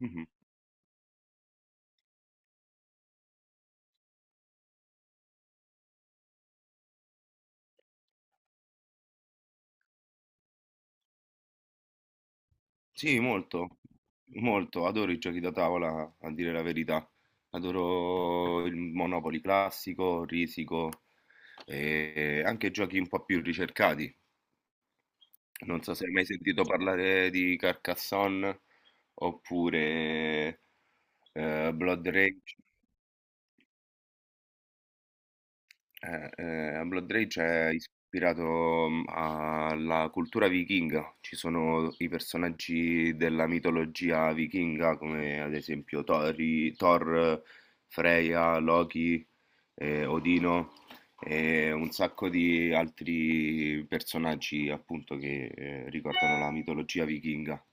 Mh-mh. Sì, molto, molto. Adoro i giochi da tavola, a dire la verità. Adoro il Monopoli classico, Risico e anche giochi un po' più ricercati. Non so se hai mai sentito parlare di Carcassonne oppure, Blood Rage. A Blood Rage è ispirato alla cultura vichinga. Ci sono i personaggi della mitologia vichinga, come ad esempio Thor, Freya, Loki, Odino e un sacco di altri personaggi appunto che ricordano la mitologia vichinga.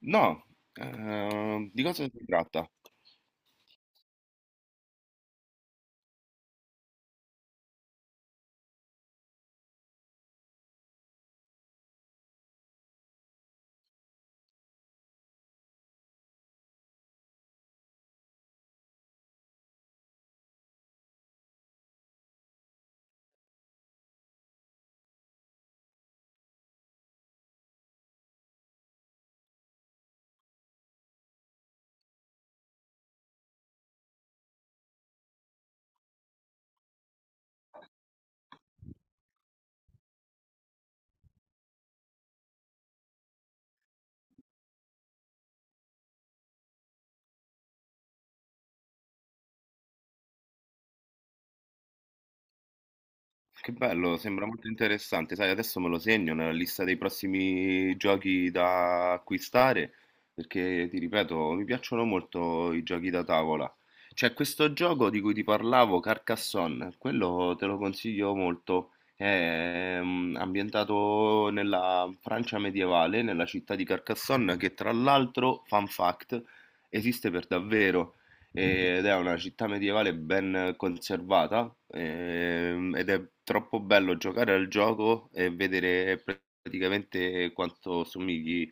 No, di cosa si tratta? Che bello, sembra molto interessante. Sai, adesso me lo segno nella lista dei prossimi giochi da acquistare, perché ti ripeto, mi piacciono molto i giochi da tavola. C'è questo gioco di cui ti parlavo, Carcassonne, quello te lo consiglio molto. È ambientato nella Francia medievale, nella città di Carcassonne, che tra l'altro, fun fact, esiste per davvero ed è una città medievale ben conservata, ed è troppo bello giocare al gioco e vedere praticamente quanto somigli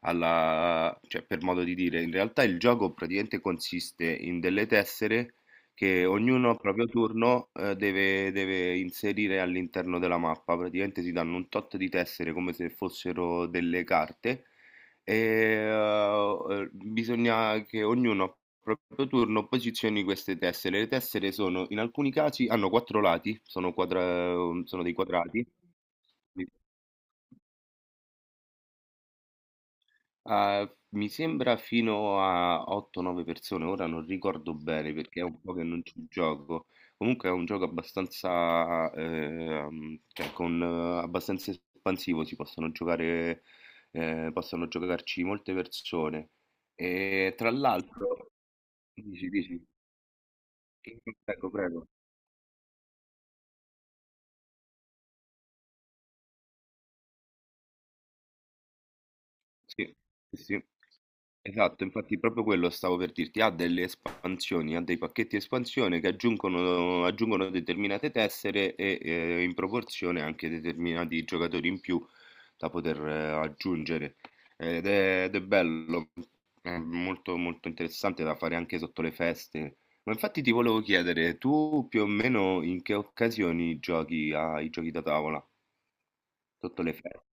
alla, cioè per modo di dire, in realtà il gioco praticamente consiste in delle tessere che ognuno a proprio turno deve inserire all'interno della mappa, praticamente si danno un tot di tessere come se fossero delle carte e, bisogna che ognuno a proprio turno posizioni queste tessere. Le tessere sono in alcuni casi hanno 4 lati, sono quadra sono dei quadrati. Sì. Mi sembra fino a 8, 9 persone, ora non ricordo bene perché è un po' che non ci gioco. Comunque è un gioco abbastanza, cioè con abbastanza espansivo, si possono giocare, possono giocarci molte persone. E tra l'altro… Dici. Prego, prego. Sì, sì, sì. Esatto, infatti proprio quello stavo per dirti, ha delle espansioni, ha dei pacchetti espansione che aggiungono determinate tessere e in proporzione anche determinati giocatori in più da poter aggiungere. Ed è bello, è molto molto interessante da fare anche sotto le feste. Ma infatti ti volevo chiedere, tu più o meno in che occasioni giochi ai giochi da tavola? Sotto le feste?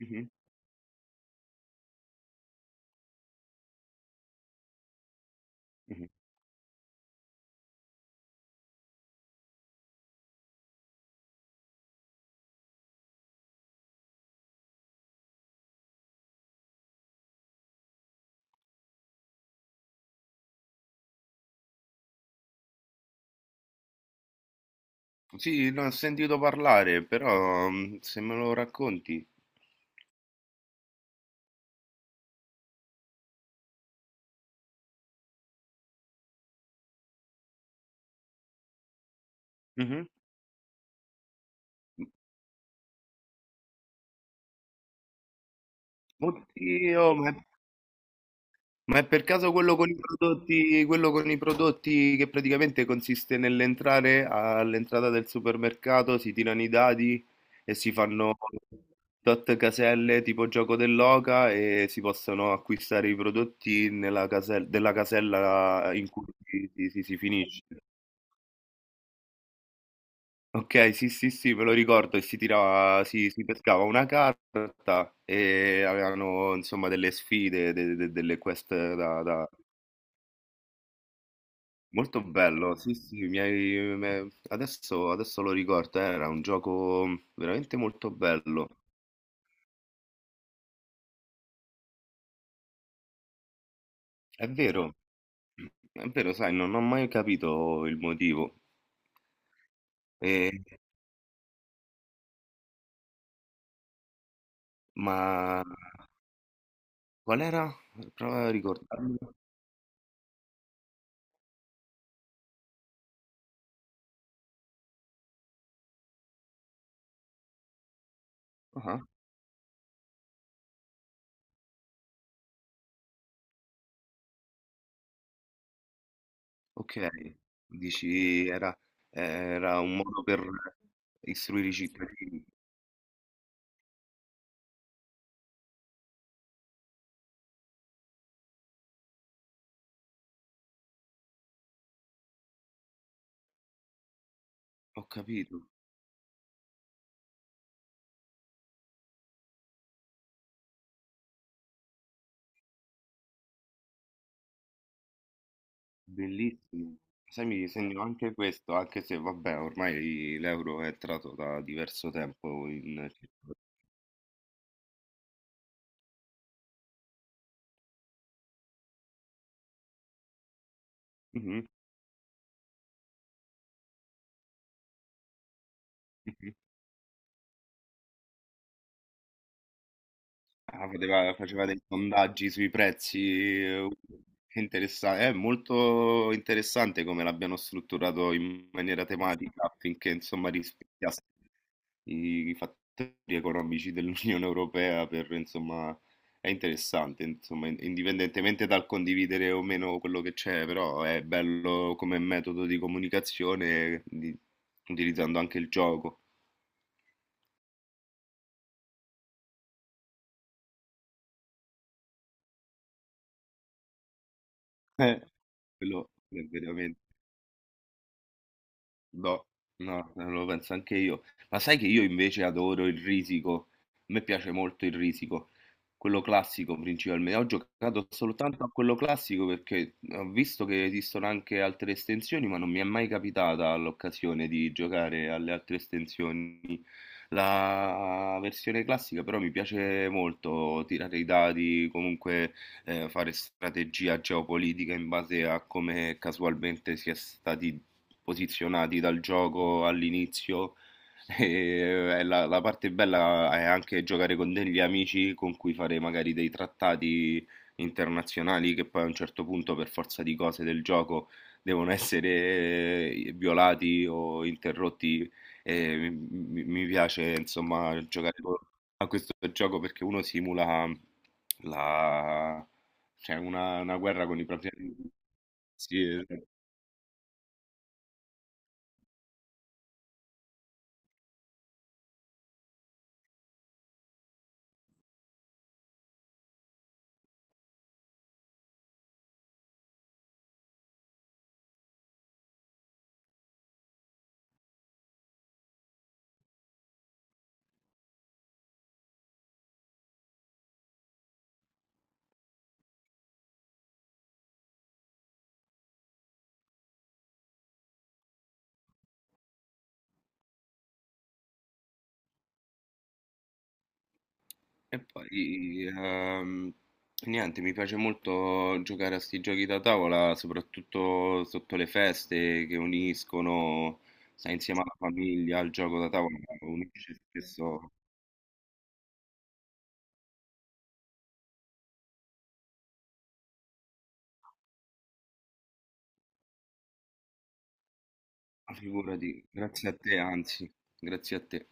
Mhm, mhm. Sì, ne ho sentito parlare, però, se me lo racconti. Mhm. Oddio, ma è per caso quello con i prodotti, quello con i prodotti che praticamente consiste nell'entrare all'entrata del supermercato, si tirano i dadi e si fanno tot caselle tipo gioco dell'oca e si possono acquistare i prodotti nella casella, della casella in cui si finisce. Okay, sì, sì, sì, me lo ricordo e si tirava si pescava una carta e avevano insomma delle sfide, de de delle quest da da molto bello, sì, sì, mi hai me adesso lo ricordo, era un gioco veramente molto bello. È vero, è vero, sai, non ho mai capito il motivo. Ehm, ma qual era? Prova a ricordarmelo. Ah-ah. Okay, dici era un modo per istruire i cittadini. Ho capito, bellissimo. Sai, mi segno anche questo, anche se vabbè ormai l'euro è entrato da diverso tempo in circolo. Mh-mh, mh-mh. Ah, poteva faceva dei sondaggi sui prezzi, che interessa, è molto interessante come l'abbiano strutturato in maniera tematica affinché insomma rispecchiasse i fattori economici dell'Unione Europea per, insomma, è interessante, insomma, indipendentemente dal condividere o meno quello che c'è, però è bello come metodo di comunicazione, di- utilizzando anche il gioco. Eh, Quello è veramente… No, no, lo penso anche io. Ma sai che io invece adoro il risico? A me piace molto il risico, quello classico principalmente. Ho giocato soltanto a quello classico perché ho visto che esistono anche altre estensioni, ma non mi è mai capitata l'occasione di giocare alle altre estensioni. La versione classica però mi piace molto tirare i dadi, comunque fare strategia geopolitica in base a come casualmente si è stati posizionati dal gioco all'inizio. E la parte bella è anche giocare con degli amici con cui fare magari dei trattati internazionali che poi a un certo punto, per forza di cose del gioco, devono essere violati o interrotti. E mi piace insomma giocare a questo gioco perché uno simula la, cioè una guerra con i propri amici. Sì, esatto. E poi, ehm, niente, mi piace molto giocare a sti giochi da tavola, soprattutto sotto le feste che uniscono, stai insieme alla famiglia, al gioco da tavola, unisce spesso, figurati, grazie a te, anzi, grazie a te.